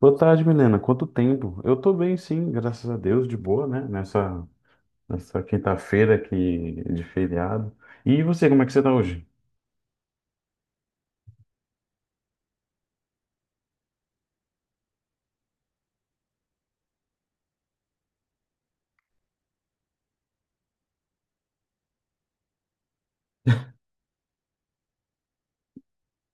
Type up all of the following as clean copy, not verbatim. Boa tarde, Milena. Quanto tempo? Eu tô bem, sim, graças a Deus, de boa, né? Nessa quinta-feira aqui de feriado. E você, como é que você tá hoje?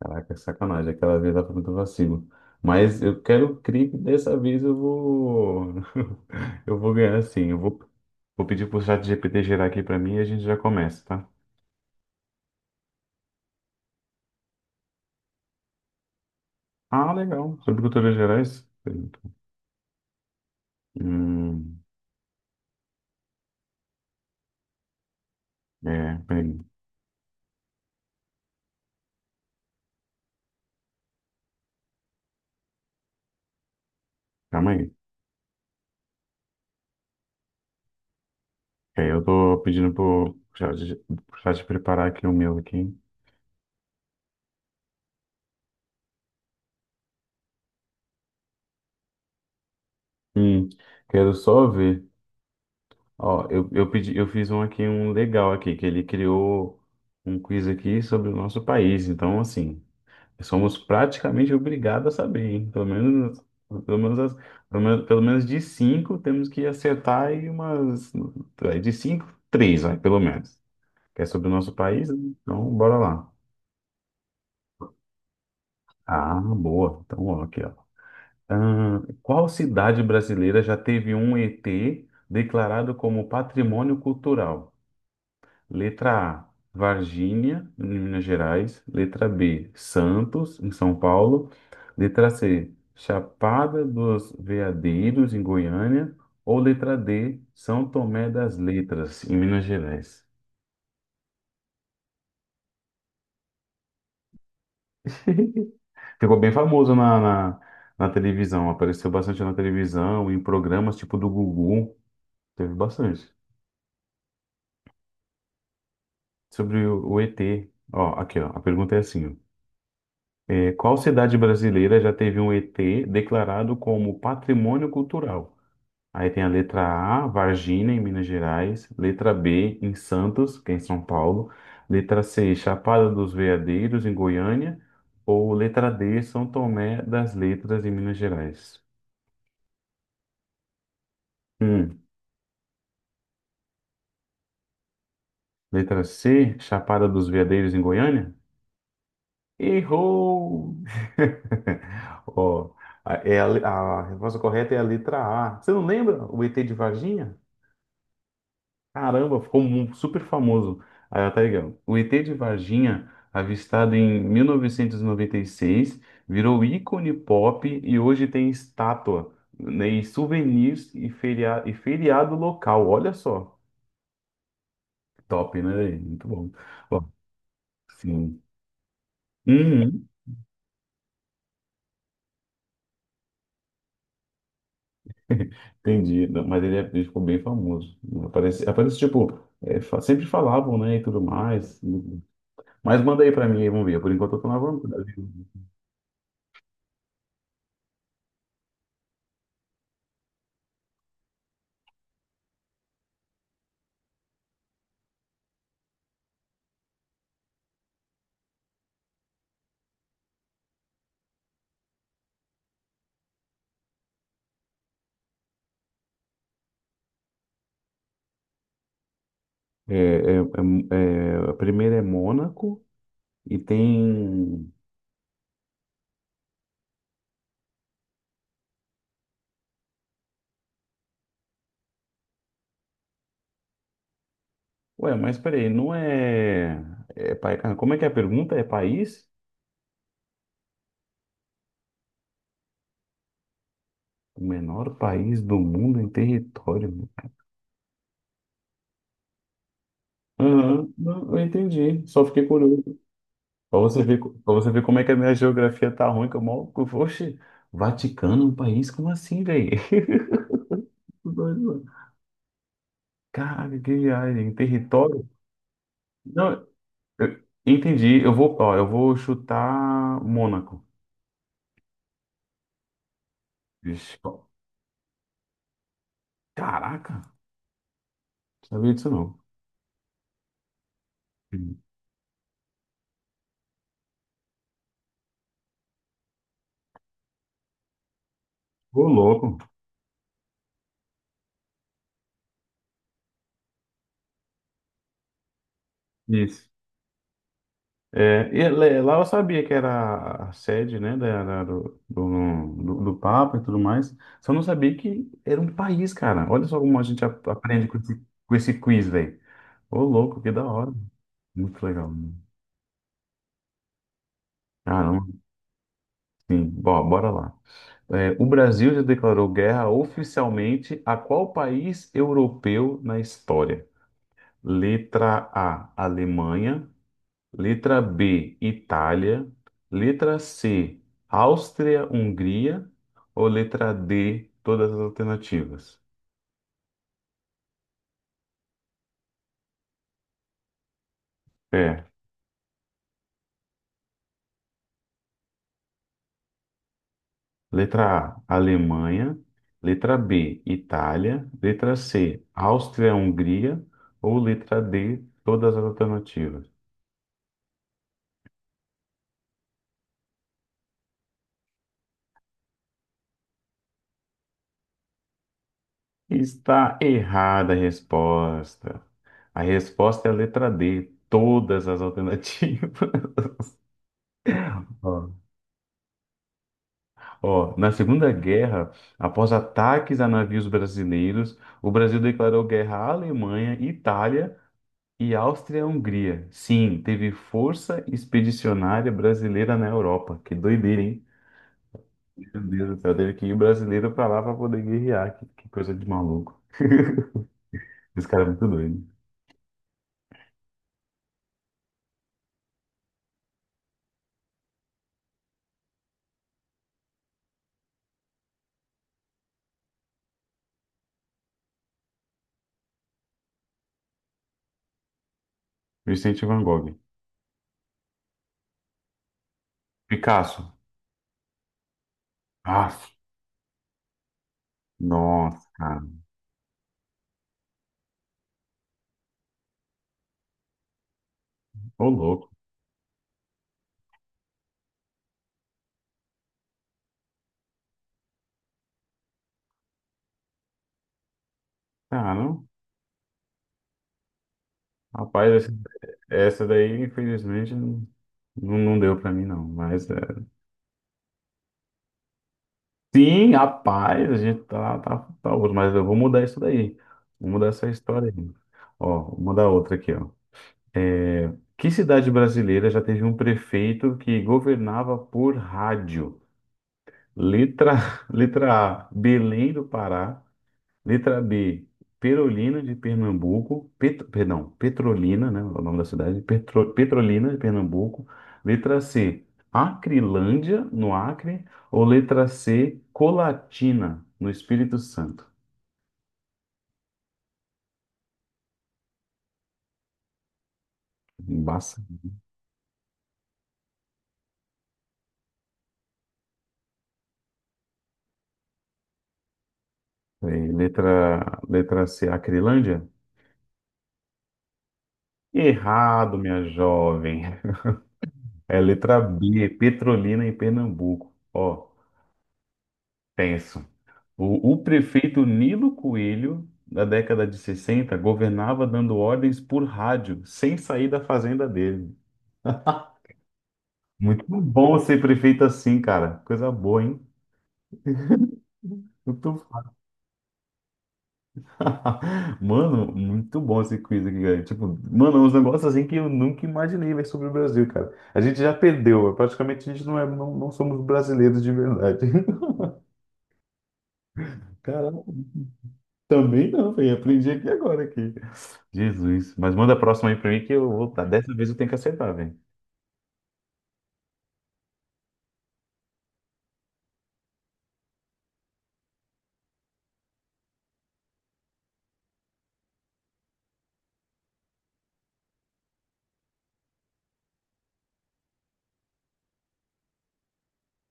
Caraca, sacanagem, aquela vez lá foi muito vacilo. Mas eu quero crer que dessa vez eu vou. Eu vou ganhar sim. Vou pedir pro GPT gerar aqui pra mim e a gente já começa, tá? Ah, legal. Sobre culturas gerais? Hum, é, peraí. Calma aí. Ok, eu tô pedindo pro chat preparar aqui o meu aqui. Hum, Quero só ver. Ó, eu fiz um aqui, um legal aqui, que ele criou um quiz aqui sobre o nosso país. Então, assim, somos praticamente obrigados a saber, hein? Pelo menos, as- pelo menos de cinco temos que acertar aí umas. Aí De cinco, três, vai, pelo menos. Que é sobre o nosso país, né? Então bora lá. Ah, boa. Então, ó, aqui, ó. Ah, qual cidade brasileira já teve um ET declarado como patrimônio cultural? Letra A, Varginha, em Minas Gerais. Letra B, Santos, em São Paulo. Letra C, Chapada dos Veadeiros, em Goiânia. Ou letra D, São Tomé das Letras, em Minas Gerais. Ficou bem famoso na televisão, apareceu bastante na televisão, em programas tipo do Gugu, teve bastante. Sobre o ET. Ó, aqui, ó. A pergunta é assim, ó. É, qual cidade brasileira já teve um ET declarado como patrimônio cultural? Aí tem a letra A, Varginha, em Minas Gerais. Letra B, em Santos, que é em São Paulo. Letra C, Chapada dos Veadeiros, em Goiânia. Ou letra D, São Tomé das Letras, em Minas Gerais. Hum. Letra C, Chapada dos Veadeiros, em Goiânia? Errou! Ó, a resposta correta é a letra A. Você não lembra o ET de Varginha? Caramba, ficou super famoso. Aí, ó, tá ligado? O ET de Varginha, avistado em 1996, virou ícone pop e hoje tem estátua, né, e souvenirs e feriado local. Olha só. Top, né? Muito bom. Ó, sim. Uhum. Entendi. Não, mas ele ficou bem famoso. Aparece tipo, é, sempre falavam, né, e tudo mais. Mas manda aí pra mim, aí, vamos ver. Por enquanto eu tô na vontade. É, a primeira é Mônaco e tem. Ué, mas peraí, não é. Como é que é a pergunta? É país? O menor país do mundo em território. Aham, não, eu entendi. Só fiquei curioso. Pra você ver como é que a minha geografia tá ruim, que eu mal. Oxe, Vaticano, um país? Como assim, velho? Que doido, mano. Caralho, que viagem. Território? Não, eu entendi. Eu vou chutar Mônaco. Ixi, ó, caraca, não sabia disso não. Ô, louco. Isso. É, lá eu sabia que era a sede, né, do Papa e tudo mais. Só não sabia que era um país, cara. Olha só como a gente aprende com com esse quiz, velho. Ô, louco, que da hora. Muito legal, né? Caramba, sim. Bom, bora lá. É, o Brasil já declarou guerra oficialmente a qual país europeu na história? Letra A, Alemanha. Letra B, Itália. Letra C, Áustria-Hungria. Ou letra D, todas as alternativas? É. Letra A, Alemanha. Letra B, Itália. Letra C, Áustria-Hungria. Ou letra D, todas as alternativas. Está errada a resposta. A resposta é a letra D, todas as alternativas. Ó, Ó, na Segunda Guerra, após ataques a navios brasileiros, o Brasil declarou guerra à Alemanha, Itália e Áustria-Hungria. Sim, teve Força Expedicionária Brasileira na Europa. Que doideira, hein? Meu Deus do céu, teve que ir brasileiro pra lá pra poder guerrear. Que coisa de maluco. Esse cara é muito doido. Vicente Van Gogh. Picasso. Ah, nossa, cara. Ô, louco. Ah, não. Rapaz, essa daí, infelizmente, não, não deu pra mim, não. Mas, é... sim, rapaz, a gente tá, tá outro. Mas eu vou mudar isso daí. Vou mudar essa história aí. Ó, vou mudar outra aqui, ó. É, que cidade brasileira já teve um prefeito que governava por rádio? Letra, letra A, Belém do Pará. Letra B, Perolina de Pernambuco. Perdão, Petrolina, né? O nome da cidade. Petrolina de Pernambuco. Letra C, Acrilândia, no Acre. Ou letra C, Colatina, no Espírito Santo. Embaça. É, letra C, Acrilândia? Errado, minha jovem. É letra B, Petrolina em Pernambuco. Ó, tenso. O prefeito Nilo Coelho, da década de 60, governava dando ordens por rádio, sem sair da fazenda dele. Muito bom ser prefeito assim, cara. Coisa boa, hein? Muito... Mano, muito bom esse quiz aqui, cara. Tipo, mano, uns negócios assim que eu nunca imaginei, véi, sobre o Brasil, cara. A gente já perdeu, praticamente a gente não é, não somos brasileiros de verdade. Caramba. Também não, velho. Aprendi aqui agora aqui. Jesus. Mas manda a próxima aí pra mim que eu vou. Tá, dessa vez eu tenho que acertar, velho.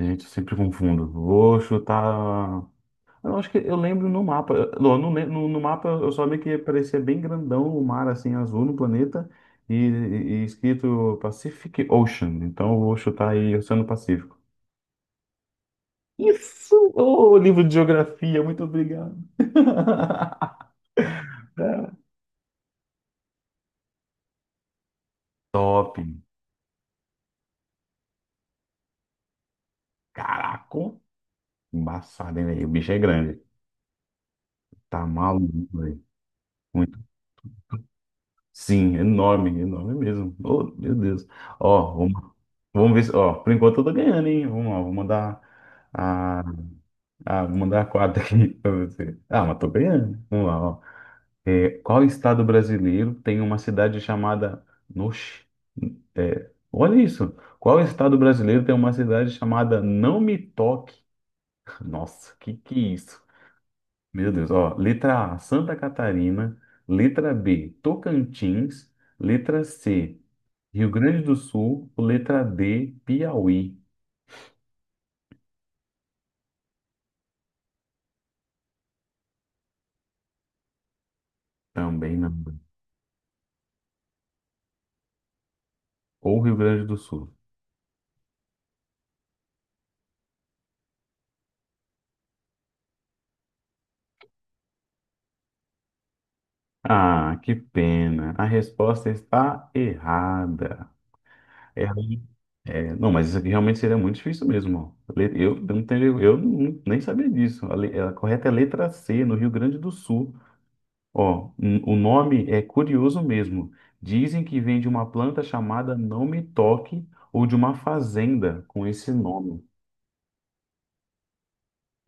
Gente, eu sempre confundo. Vou chutar. Eu acho que eu lembro no mapa. Não, no mapa eu só vi que parecia bem grandão o mar assim azul no planeta e, e escrito Pacific Ocean. Então eu vou chutar aí Oceano Pacífico. Isso! Ô, livro de geografia, muito obrigado. Top! Caraca! Embaçado, hein, velho? O bicho é grande. Tá maluco, velho. Muito. Sim, enorme, enorme mesmo. Oh, meu Deus. Ó, vamos ver se. Ó, por enquanto eu tô ganhando, hein? Vamos lá, vou mandar a, a, vou mandar a quadra aqui pra você. Ah, mas tô ganhando. Vamos lá, ó. É, qual estado brasileiro tem uma cidade chamada. Noxe, é, olha isso. Qual estado brasileiro tem uma cidade chamada Não Me Toque? Nossa, que é isso? Meu Deus, ó, letra A, Santa Catarina, letra B, Tocantins, letra C, Rio Grande do Sul, letra D, Piauí. Também não. Ou Rio Grande do Sul. Ah, que pena. A resposta está errada. É, É, não, mas isso aqui realmente seria muito difícil mesmo, ó. Le- eu não tenho, eu não- nem sabia disso. A correta é a letra C, no Rio Grande do Sul. Ó, o nome é curioso mesmo. Dizem que vem de uma planta chamada Não Me Toque ou de uma fazenda com esse nome.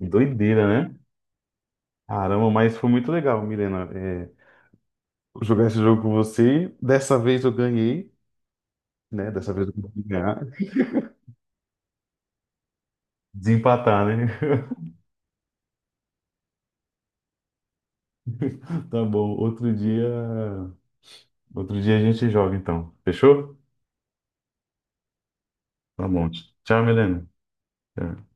Doideira, né? Caramba, mas foi muito legal, Milena, é, jogar esse jogo com você. Dessa vez eu ganhei, né? Dessa vez eu consegui ganhar. Desempatar, né? Tá bom. Outro dia a gente joga então. Fechou? Tá bom. Tchau, Milena. Tchau.